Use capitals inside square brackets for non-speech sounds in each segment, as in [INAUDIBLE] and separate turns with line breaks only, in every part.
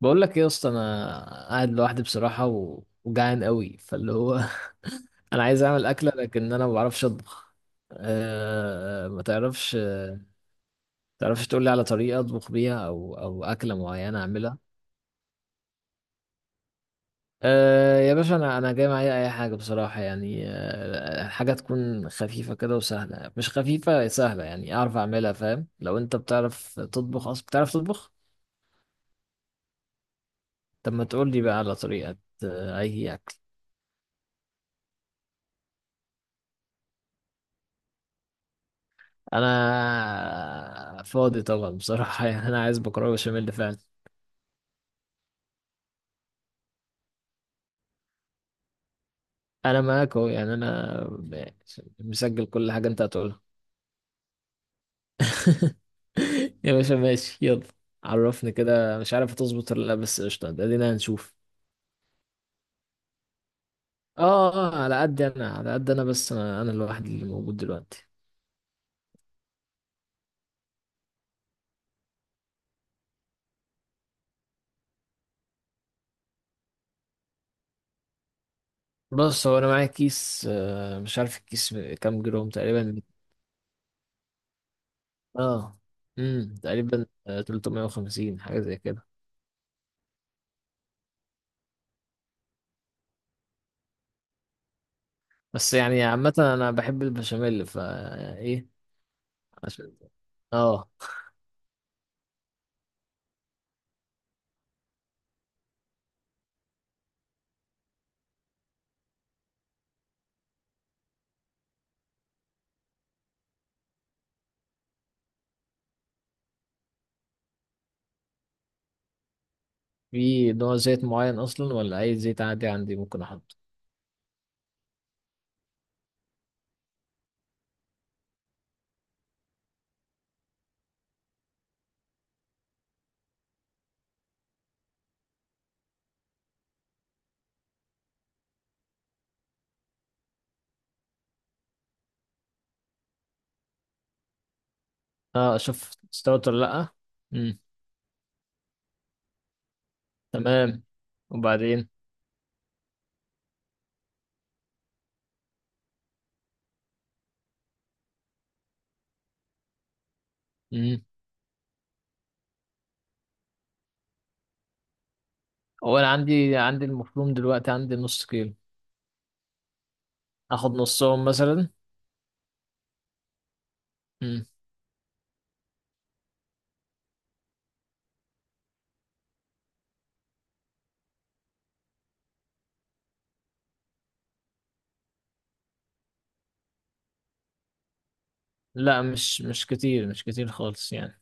بقول لك ايه يا اسطى، انا قاعد لوحدي بصراحه وجعان قوي فاللي هو. [LAUGHS] انا عايز اعمل اكله، لكن انا ما بعرفش اطبخ. ما تعرفش؟ تعرفش تقول لي على طريقه اطبخ بيها او اكله معينه اعملها؟ يا باشا، انا جاي معايا اي حاجه بصراحه، يعني حاجه تكون خفيفه كده وسهله، مش خفيفه سهله، يعني اعرف اعملها. فاهم؟ لو انت بتعرف تطبخ اصلا، بتعرف تطبخ؟ طب ما تقول لي بقى على طريقه. اي اكل؟ انا فاضي طبعا بصراحه. [LAUGHS] يعني انا عايز مكرونه بشاميل ده فعلا. انا معاك اهو، يعني مسجل كل حاجه انت هتقولها. [LAUGHS] يا باشا ماشي، يلا عرفني كده. مش عارف هتظبط ولا لا، بس قشطه ده دينا هنشوف. اه، على قد انا، على قد انا، بس أنا الواحد اللي موجود دلوقتي. بص، هو انا معايا كيس، مش عارف الكيس كام جرام تقريبا. اه، تقريبا 350 حاجه زي كده. بس يعني عامة أنا بحب البشاميل، فا إيه؟ عشان. اه. في نوع زيت معين اصلا، ولا اي زيت عادي عندي ممكن احطه؟ اه، اشوف استوت ولا لا. امم. تمام. وبعدين. امم. هو انا عندي المفروم دلوقتي، عندي نص كيلو. اخد نصهم مثلا. امم. لا، مش كتير، مش كتير خالص يعني.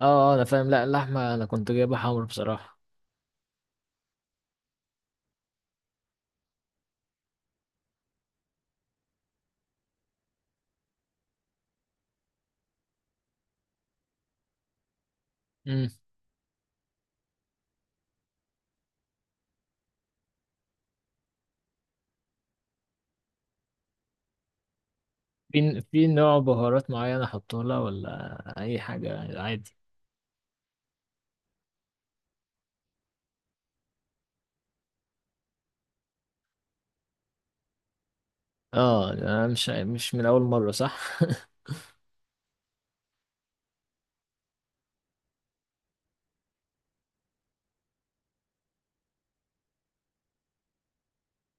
اه، انا فاهم. لا اللحمه انا كنت جايبها حمر بصراحه. امم. في نوع بهارات معينه احطه لها، ولا اي حاجه عادي؟ اه، أنا مش من اول مره صح.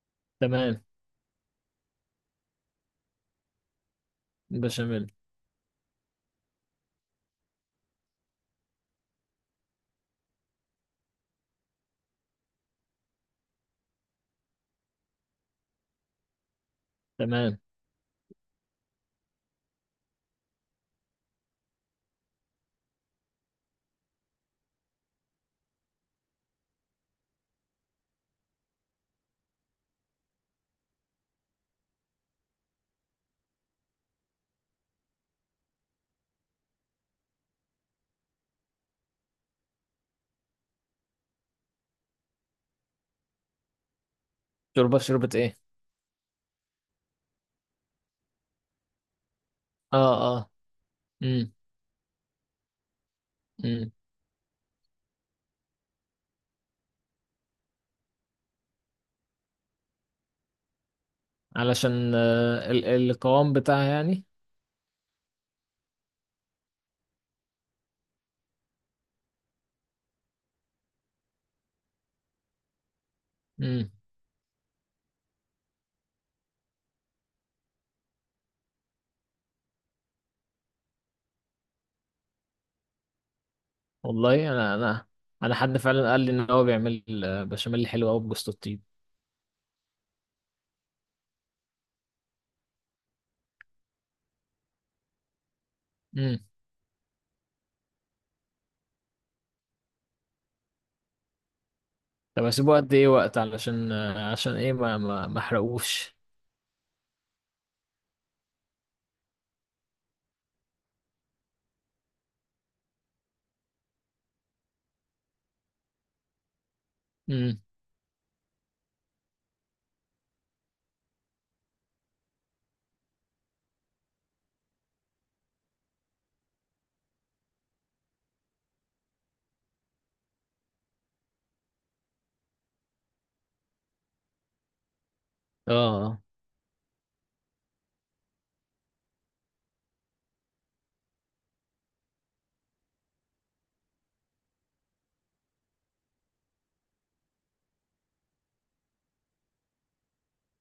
[LAUGHS] تمام. بشاميل. تمام. شوربة ايه؟ اه، اه. امم. امم. علشان آه ال القوام بتاعها يعني. امم. والله انا، انا حد فعلا قال لي ان هو بيعمل بشاميل حلو قوي بجوز الطيب. امم. طب هسيبه قد ايه وقت؟ علشان آه، عشان ايه ما احرقوش. امم. اه. آه.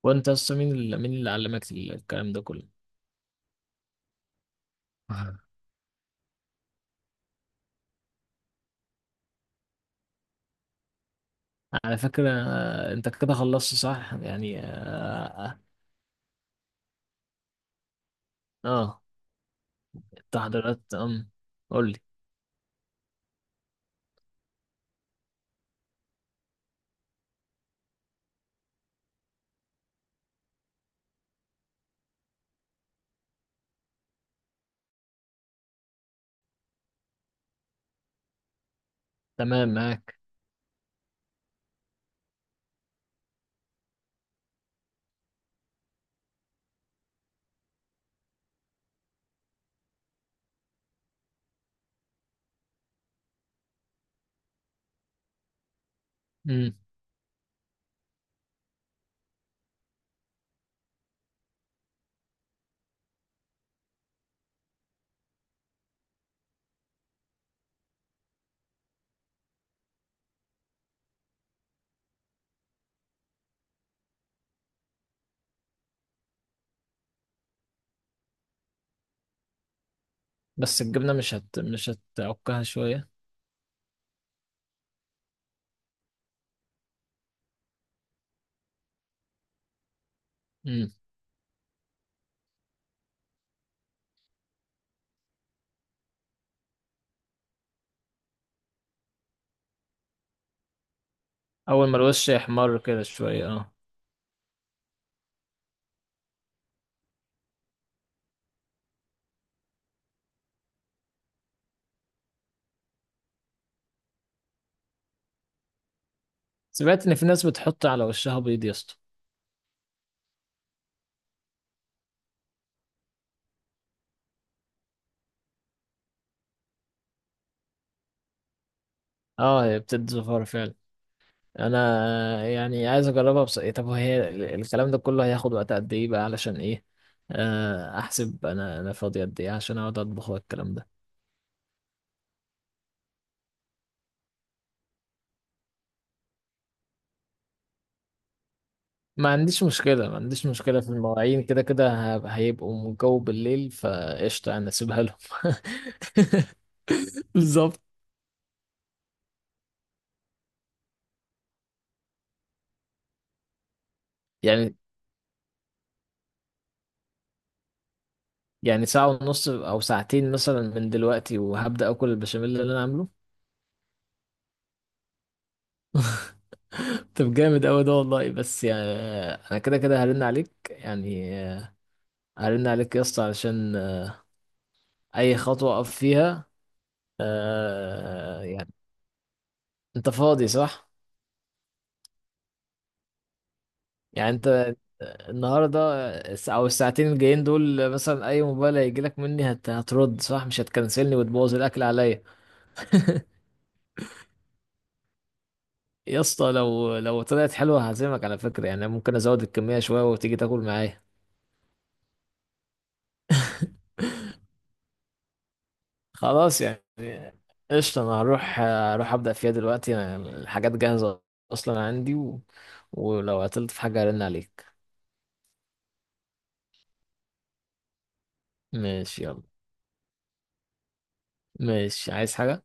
وانت اصلا مين اللي علمك الكلام ده كله؟ [LAUGHS] على فكرة انت كده خلصت صح يعني؟ اه. آه. التحضيرات. امم. قول لي. تمام، معاك. بس الجبنة مش هتعكها شوية؟ امم. أول ما الوش يحمر كده شوية، اه. سمعت إن في ناس بتحط على وشها بيض يا اسطى. اه، هي بتدي زفارة فعلا. أنا يعني عايز أجربها، بس إيه، طب وهي الكلام ده كله هياخد وقت قد إيه بقى؟ علشان إيه، أحسب أنا فاضي قد إيه عشان أقعد أطبخ والكلام ده. ما عنديش مشكلة في المواعين، كده كده هيبقوا جو بالليل، فقشطة أنا أسيبها لهم. [LAUGHS] بالظبط. يعني يعني ساعة ونص أو ساعتين مثلا، من دلوقتي وهبدأ أكل البشاميل اللي أنا عامله. طب جامد أوي ده والله، بس يعني أنا كده كده هرن عليك يعني. هرن عليك يا اسطى علشان أي خطوة أقف فيها. يعني أنت فاضي صح؟ يعني أنت النهاردة، أو الساعتين الجايين دول، مثلا أي موبايل هيجيلك مني هترد صح؟ مش هتكنسلني وتبوظ الأكل عليا. يا اسطى، لو طلعت حلوة هعزمك على فكرة، يعني ممكن أزود الكمية شوية وتيجي تاكل معايا. خلاص يعني. قشطة، أنا هروح أبدأ فيها دلوقتي، أنا الحاجات جاهزة أصلا عندي ولو عطلت في حاجة هرن عليك. ماشي يلا. ماشي، عايز حاجة؟